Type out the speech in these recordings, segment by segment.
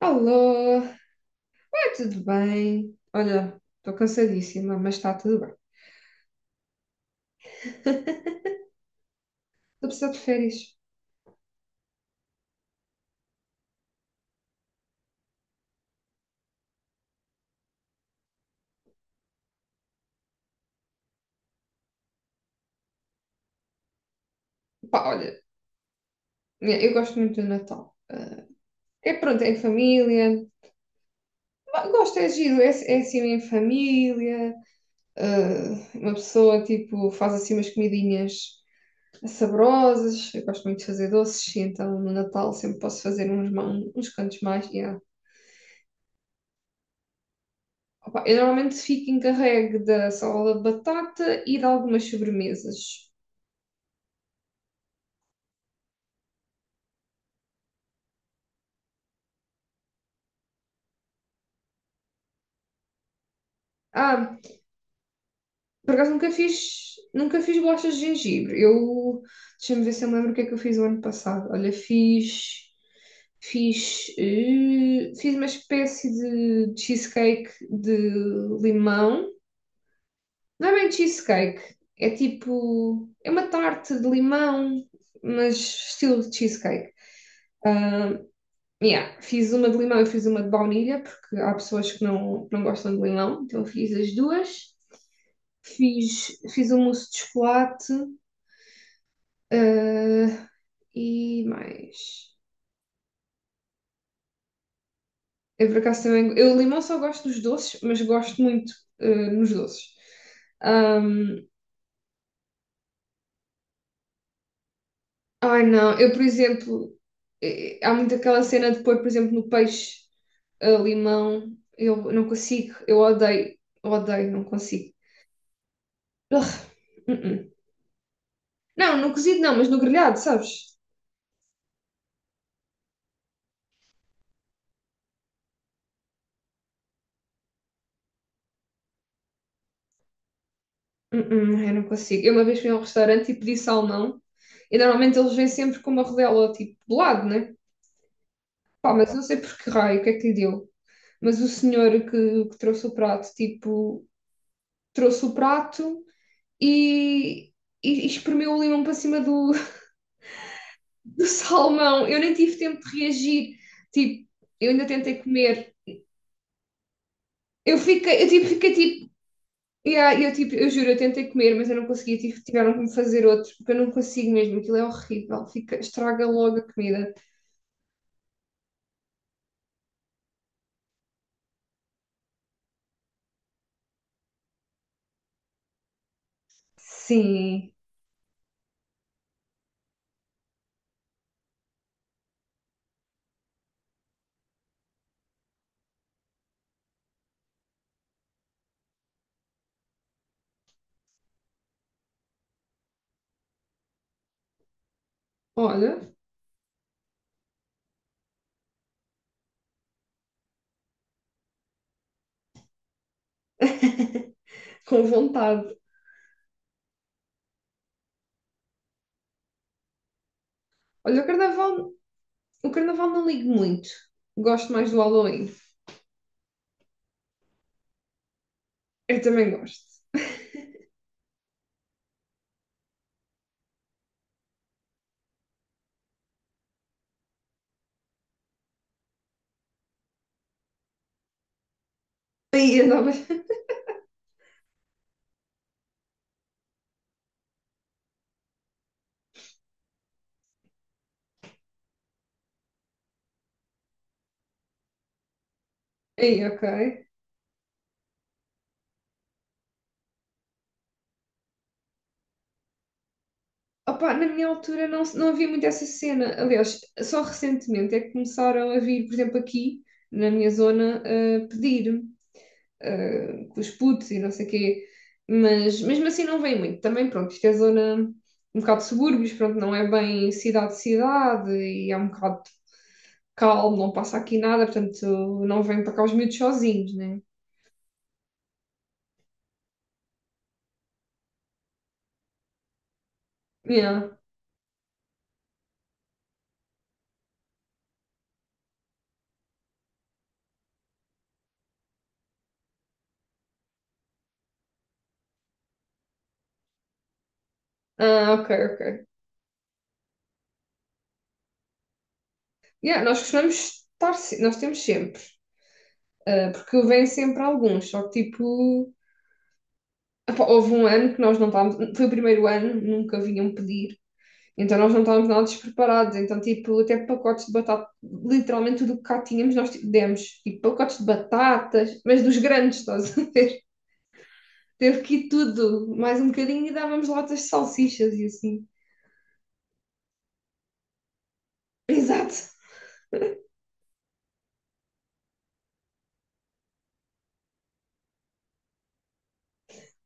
Alô, vai tudo bem? Olha, estou cansadíssima, mas está tudo bem. Estou precisando de férias. Pá, olha, eu gosto muito do Natal. Ah, é pronto, é em família. Bah, gosto, é giro, é assim em família. Ah, uma pessoa, tipo, faz assim umas comidinhas saborosas. Eu gosto muito de fazer doces, e então no Natal sempre posso fazer uns cantos mais. Yeah. Opa, eu normalmente fico encarregue da salada de batata e de algumas sobremesas. Ah, por acaso nunca fiz bolachas de gengibre. Deixa-me ver se eu me lembro o que é que eu fiz o ano passado. Olha, fiz uma espécie de cheesecake de limão. Não é bem cheesecake, é tipo, é uma tarte de limão, mas estilo de cheesecake. Yeah, fiz uma de limão e fiz uma de baunilha, porque há pessoas que não gostam de limão, então fiz as duas. Fiz um mousse de chocolate. Ah, e mais. Eu por acaso também. Eu limão só gosto dos doces, mas gosto muito ah, nos doces. Ahm, Ai não, eu por exemplo. Há muito aquela cena de pôr, por exemplo, no peixe limão. Eu não consigo, eu odeio, odeio, não consigo. Ugh, uh-uh. Não, no cozido não, mas no grelhado, sabes? Uh-uh, eu não consigo. Eu uma vez fui a um restaurante e pedi salmão. E normalmente eles vêm sempre com uma rodela tipo do lado, né? Pá, mas não sei por que raio, o que é que lhe deu. Mas o senhor que trouxe o prato, tipo, trouxe o prato e, e espremeu o limão para cima do, do salmão. Eu nem tive tempo de reagir. Tipo, eu ainda tentei comer. Eu fiquei, eu tipo, fiquei tipo, yeah, eu tipo, eu juro, eu tentei comer, mas eu não conseguia, tiveram que me fazer outro, porque eu não consigo mesmo, aquilo é horrível, fica, estraga logo a comida. Sim, olha, com vontade. Olha o carnaval O carnaval não ligo muito. Gosto mais do Halloween. Eu também gosto. Aí andava. Aí, ok. Opa, na minha altura não havia muito essa cena. Aliás, só recentemente é que começaram a vir, por exemplo, aqui na minha zona, a pedir com os putos e não sei o quê. Mas mesmo assim não vem muito. Também, pronto, isto é zona um bocado de subúrbios, pronto, não é bem cidade-cidade e é um bocado calmo, não passa aqui nada, portanto não vem para cá os miúdos sozinhos, né? Yeah. Ah, ok, ok. Yeah, nós costumamos estar, se- nós temos sempre, porque vêm sempre alguns, só que tipo, epá, houve um ano que nós não estávamos, foi o primeiro ano, nunca vinham pedir, então nós não estávamos nada despreparados, então tipo, até pacotes de batata, literalmente tudo o que cá tínhamos nós tipo, demos, tipo, pacotes de batatas, mas dos grandes, estás a ver? Teve que ir tudo, mais um bocadinho e dávamos latas de salsichas e assim. Exato.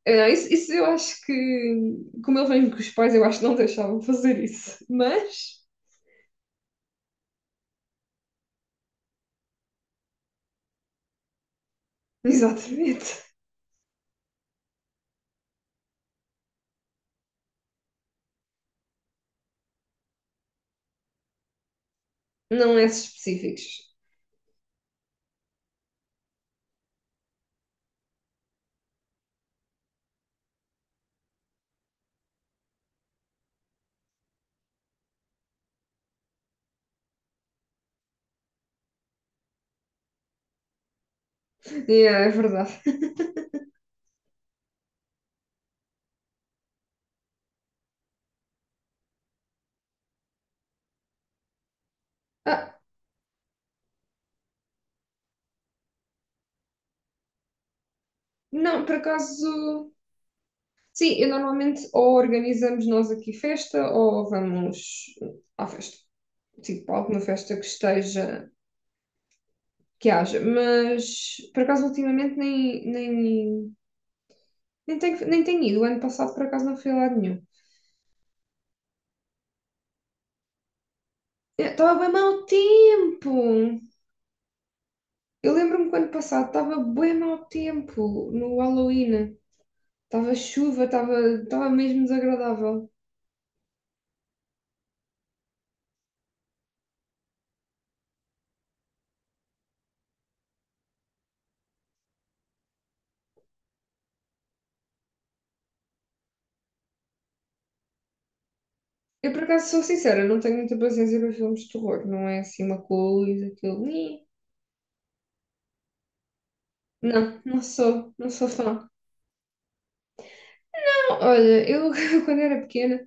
É, não, isso, eu acho que, como ele vem com os pais, eu acho que não deixavam fazer isso. Mas, exatamente, não é esses específicos. Yeah, é verdade. Ah, não, por acaso, sim, eu normalmente ou organizamos nós aqui festa ou vamos à festa. Tipo, alguma festa que esteja, que haja, mas por acaso ultimamente nem tenho ido. O ano passado por acaso não fui a lado nenhum. Estava bem mau tempo! Eu lembro-me que o ano passado estava bem mau tempo no Halloween. Estava chuva, estava mesmo desagradável. Eu por acaso sou sincera, não tenho muita paciência para filmes de terror, não é assim uma coisa que eu. "Ih". Não, não sou fã. Não, olha, eu quando era pequena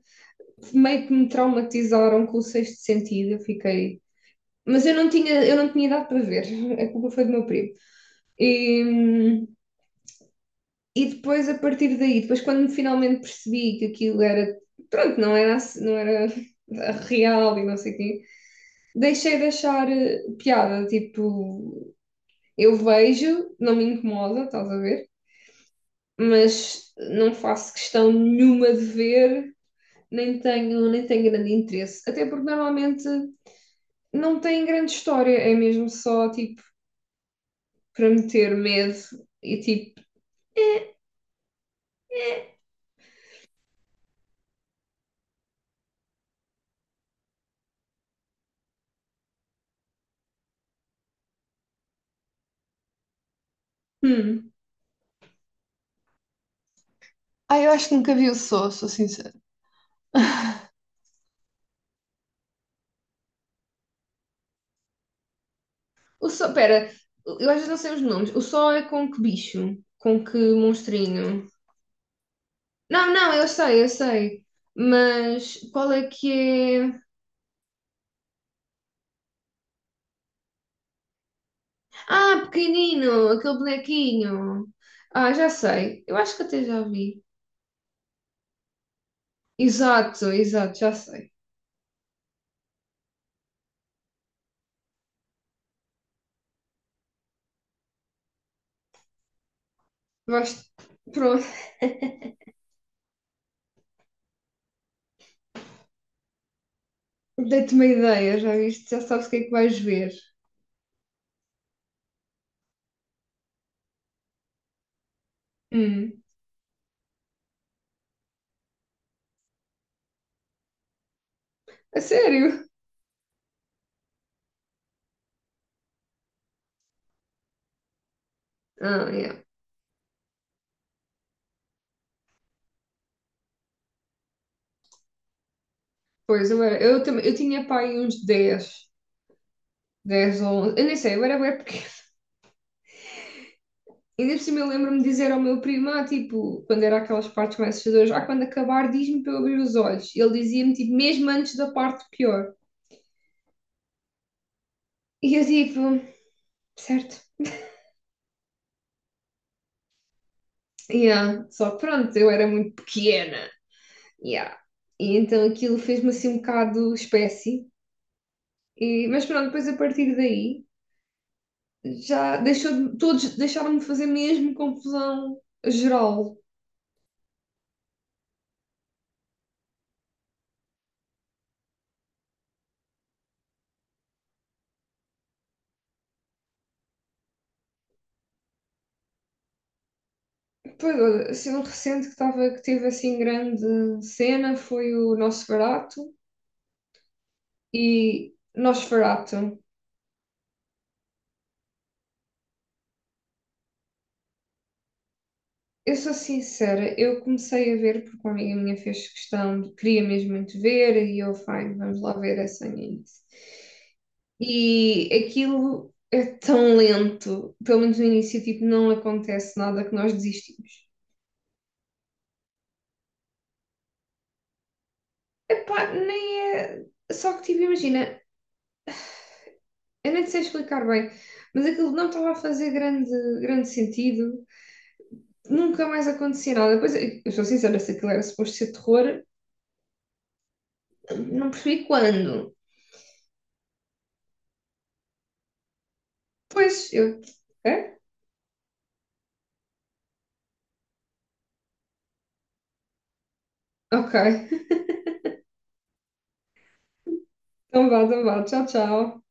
meio que me traumatizaram com o sexto sentido, eu fiquei. Mas eu não tinha idade para ver, a culpa foi do meu primo. E, e depois, a partir daí, depois quando finalmente percebi que aquilo era, pronto, não era real e não sei o quê, deixei de achar piada, tipo, eu vejo, não me incomoda, estás a ver, mas não faço questão nenhuma de ver, nem tenho grande interesse, até porque normalmente não tem grande história, é mesmo só, tipo, para meter medo e, tipo. Hum. Ah, eu acho que nunca vi o Só, sou sincera. O só, pera, eu às vezes não sei os nomes. O sol é com que bicho? Com que monstrinho? Não, não, eu sei, eu sei. Mas qual é que é? Ah, pequenino, aquele bonequinho. Ah, já sei. Eu acho que até já vi. Exato, exato, já sei. Vais... Pronto, dei-te uma ideia, já viste? Já sabes o que é que vais ver. Hum. A sério? Ah, yeah. Pois, eu, também, eu tinha pai uns dez ou 11, eu nem sei, eu era bué pequena. Ainda por cima eu lembro-me de dizer ao meu primo, tipo, quando era aquelas partes mais assustadoras, quando acabar diz-me para eu abrir os olhos. E ele dizia-me, tipo, mesmo antes da parte pior. E eu tipo, certo, yeah. Só que pronto, eu era muito pequena, yeah. E então aquilo fez-me assim um bocado espécie. Mas pronto, depois a partir daí, já deixou de, todos deixaram-me fazer mesmo confusão geral. Pois, olha, assim, um recente que teve assim grande cena foi o Nosferatu e Nosferatu. Eu sou sincera, eu comecei a ver porque uma amiga minha fez questão, queria mesmo muito ver e eu, fine, vamos lá ver essa nisso. E aquilo é tão lento, pelo menos no início, tipo, não acontece nada que nós desistimos. Epá, nem é. Só que, tipo, imagina, eu nem sei explicar bem, mas aquilo não estava a fazer grande, grande sentido. Nunca mais acontecia nada. Depois, eu sou sincera, se aquilo era suposto ser terror, não percebi quando. Pois, eu. É? Ok. Então vá, então vá. Tchau, tchau.